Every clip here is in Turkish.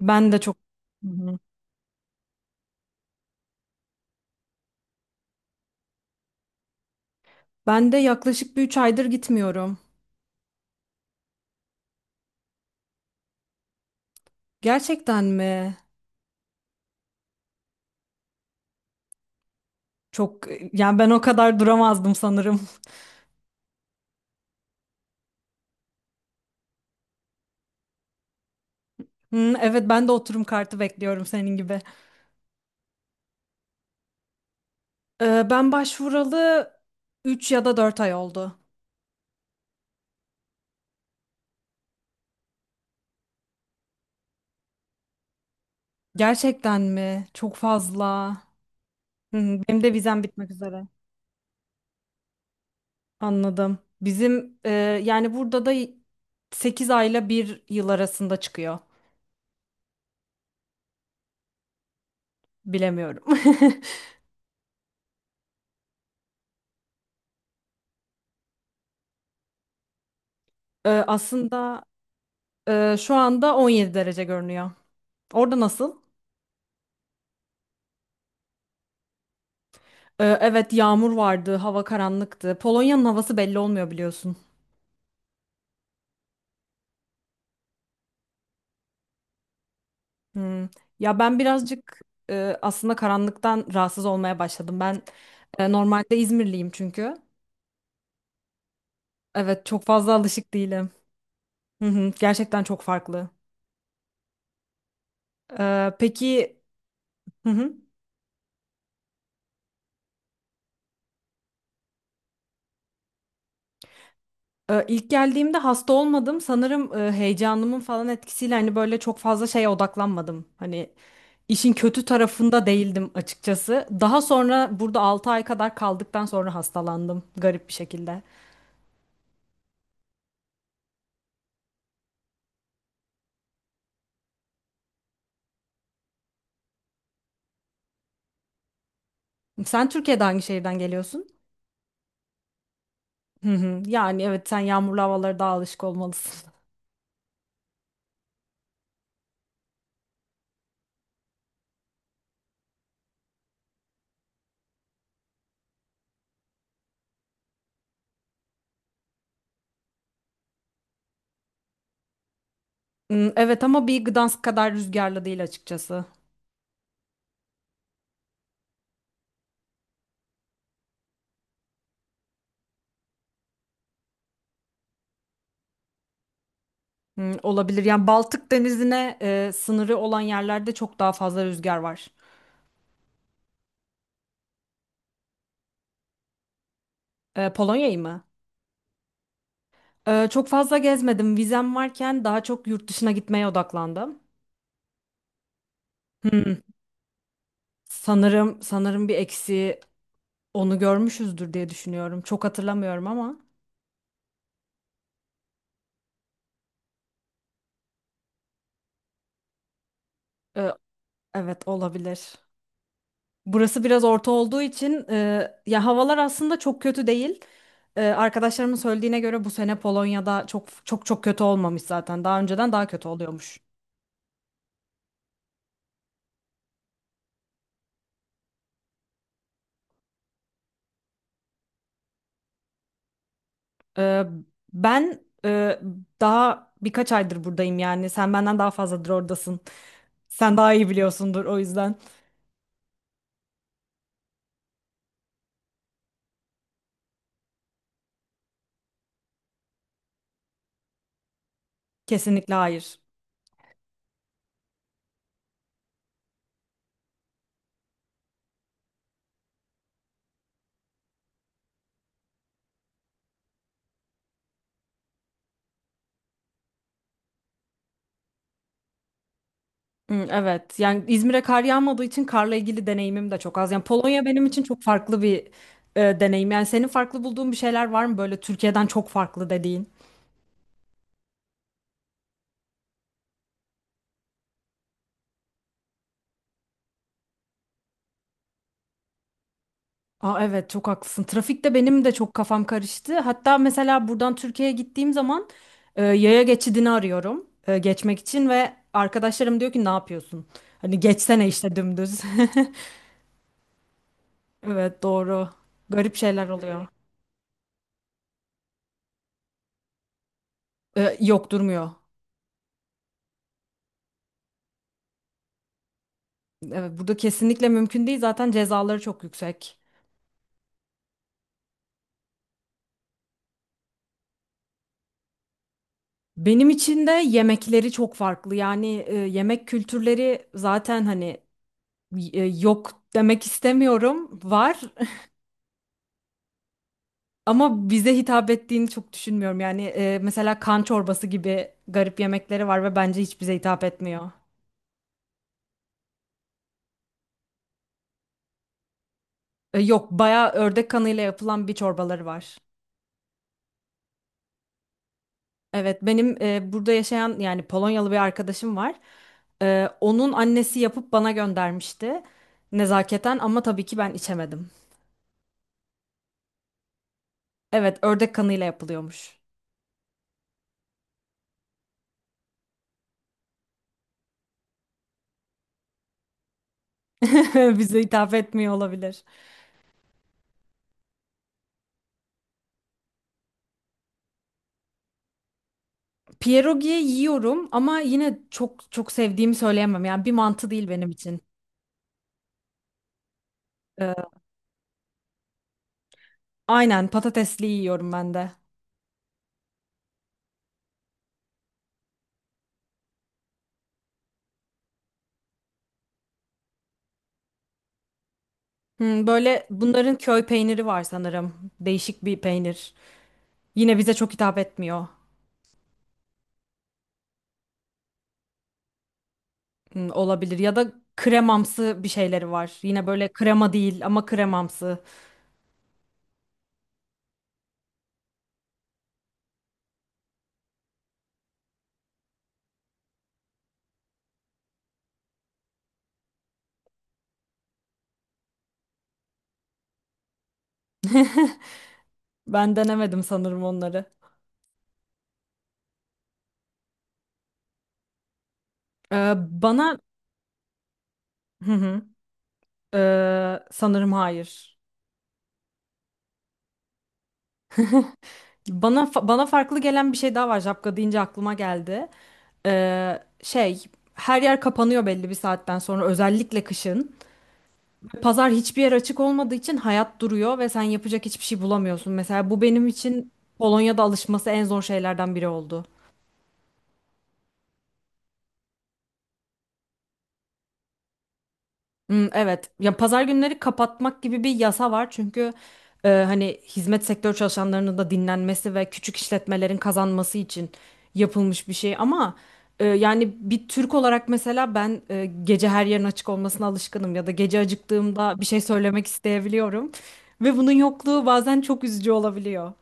Ben de çok. Hı hı. Ben de yaklaşık bir 3 aydır gitmiyorum. Gerçekten mi? Çok. Yani ben o kadar duramazdım sanırım. Hı, evet, ben de oturum kartı bekliyorum senin gibi. Ben başvuralı 3 ya da 4 ay oldu. Gerçekten mi? Çok fazla. Hı, hı, benim de vizem bitmek üzere. Anladım. Bizim, yani burada da 8 ayla bir yıl arasında çıkıyor. Bilemiyorum. Aslında, şu anda 17 derece görünüyor. Orada nasıl? Evet, yağmur vardı, hava karanlıktı. Polonya'nın havası belli olmuyor biliyorsun. Hmm. Ya ben birazcık, aslında karanlıktan rahatsız olmaya başladım. Ben, normalde İzmirliyim çünkü. Evet, çok fazla alışık değilim. Hı hı, gerçekten çok farklı. Peki. Hı hı. İlk geldiğimde hasta olmadım. Sanırım, heyecanımın falan etkisiyle hani böyle çok fazla şeye odaklanmadım. Hani işin kötü tarafında değildim açıkçası. Daha sonra burada 6 ay kadar kaldıktan sonra hastalandım garip bir şekilde. Sen Türkiye'de hangi şehirden geliyorsun? Hı hı. Yani evet, sen yağmurlu havalara daha alışık olmalısın. Hmm, evet, ama bir Gdansk kadar rüzgarlı değil açıkçası. Hmm, olabilir. Yani Baltık Denizi'ne, sınırı olan yerlerde çok daha fazla rüzgar var. Polonya'yı mı? Çok fazla gezmedim. Vizem varken daha çok yurt dışına gitmeye odaklandım. Hmm. Sanırım bir eksiği onu görmüşüzdür diye düşünüyorum. Çok hatırlamıyorum ama, e, evet, olabilir. Burası biraz orta olduğu için, ya havalar aslında çok kötü değil. Arkadaşlarımın söylediğine göre bu sene Polonya'da çok çok çok kötü olmamış zaten. Daha önceden daha kötü oluyormuş. E, Ben, daha birkaç aydır buradayım yani. Sen benden daha fazladır oradasın. Sen daha iyi biliyorsundur o yüzden. Kesinlikle hayır. Hı, evet, yani İzmir'e kar yağmadığı için karla ilgili deneyimim de çok az. Yani Polonya benim için çok farklı bir, deneyim. Yani senin farklı bulduğun bir şeyler var mı böyle Türkiye'den çok farklı dediğin? Aa, evet, çok haklısın. Trafikte benim de çok kafam karıştı. Hatta mesela buradan Türkiye'ye gittiğim zaman, yaya geçidini arıyorum, geçmek için ve arkadaşlarım diyor ki, ne yapıyorsun? Hani geçsene işte dümdüz. Evet, doğru. Garip şeyler oluyor. Yok, durmuyor. Evet, burada kesinlikle mümkün değil. Zaten cezaları çok yüksek. Benim için de yemekleri çok farklı. Yani, yemek kültürleri zaten hani, yok demek istemiyorum. Var ama bize hitap ettiğini çok düşünmüyorum. Yani, mesela kan çorbası gibi garip yemekleri var ve bence hiç bize hitap etmiyor. Yok, bayağı ördek kanıyla yapılan bir çorbaları var. Evet, benim, burada yaşayan yani Polonyalı bir arkadaşım var. Onun annesi yapıp bana göndermişti nezaketen, ama tabii ki ben içemedim. Evet, ördek kanıyla yapılıyormuş. Bize hitap etmiyor olabilir. Pierogi yiyorum ama yine çok çok sevdiğimi söyleyemem. Yani bir mantı değil benim için. E, aynen, patatesli yiyorum ben de. Böyle bunların köy peyniri var sanırım. Değişik bir peynir. Yine bize çok hitap etmiyor. Hmm, olabilir, ya da kremamsı bir şeyleri var. Yine böyle krema değil ama kremamsı. Ben denemedim sanırım onları. Ee, Bana, hı hı. Sanırım hayır. Bana farklı gelen bir şey daha var. Şapka deyince aklıma geldi. Şey, her yer kapanıyor belli bir saatten sonra, özellikle kışın. Pazar hiçbir yer açık olmadığı için hayat duruyor ve sen yapacak hiçbir şey bulamıyorsun. Mesela bu benim için Polonya'da alışması en zor şeylerden biri oldu. Hmm, evet. Ya pazar günleri kapatmak gibi bir yasa var, çünkü hani hizmet sektör çalışanlarının da dinlenmesi ve küçük işletmelerin kazanması için yapılmış bir şey. Ama yani bir Türk olarak mesela ben, gece her yerin açık olmasına alışkınım, ya da gece acıktığımda bir şey söylemek isteyebiliyorum ve bunun yokluğu bazen çok üzücü olabiliyor.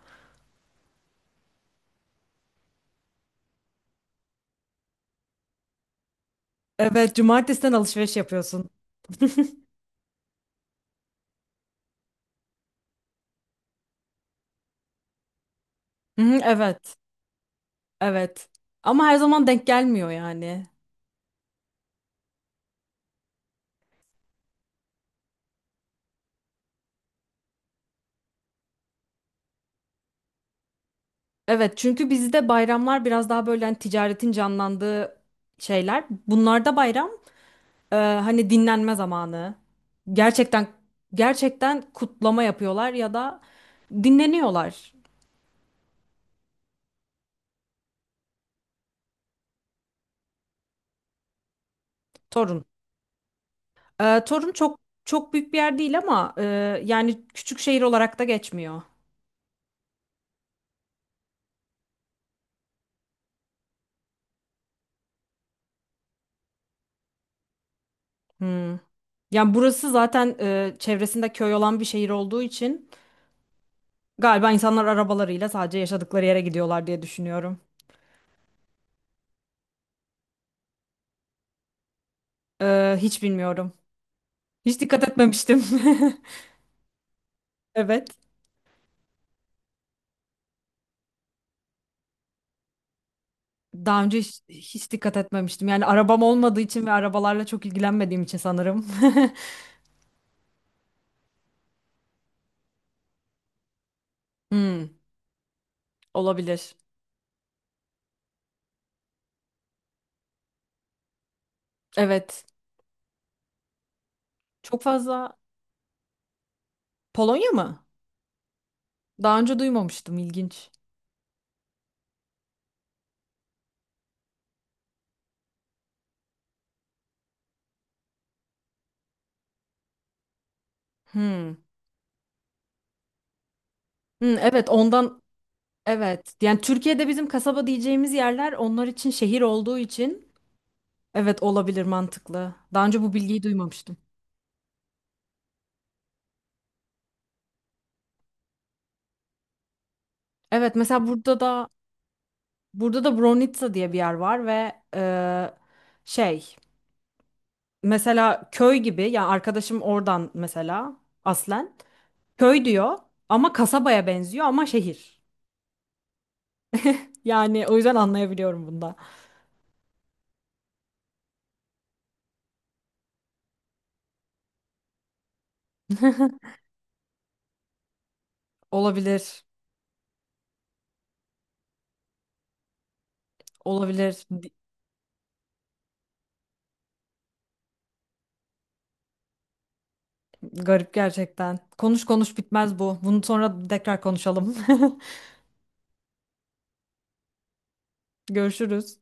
Evet, cumartesiden alışveriş yapıyorsun. Hı hı, evet. Evet. Ama her zaman denk gelmiyor yani. Evet, çünkü bizde bayramlar biraz daha böyle hani ticaretin canlandığı şeyler. Bunlarda bayram, hani dinlenme zamanı. Gerçekten gerçekten kutlama yapıyorlar ya da dinleniyorlar. Torun. Torun çok çok büyük bir yer değil ama, yani küçük şehir olarak da geçmiyor. Hmm. Yani burası zaten, çevresinde köy olan bir şehir olduğu için galiba insanlar arabalarıyla sadece yaşadıkları yere gidiyorlar diye düşünüyorum. Hiç bilmiyorum. Hiç dikkat etmemiştim. Evet. Daha önce hiç dikkat etmemiştim. Yani arabam olmadığı için ve arabalarla çok ilgilenmediğim için sanırım. Hmm, olabilir. Evet. Çok fazla. Polonya mı? Daha önce duymamıştım. İlginç. Hmm. Hmm, evet, ondan evet. Yani Türkiye'de bizim kasaba diyeceğimiz yerler onlar için şehir olduğu için, evet, olabilir, mantıklı. Daha önce bu bilgiyi duymamıştım. Evet, mesela burada da Bronitsa diye bir yer var ve, şey, mesela köy gibi, yani arkadaşım oradan, mesela aslen köy diyor ama kasabaya benziyor ama şehir. Yani o yüzden anlayabiliyorum bunda. Olabilir. Olabilir. Garip gerçekten. Konuş konuş bitmez bu. Bunu sonra tekrar konuşalım. Görüşürüz.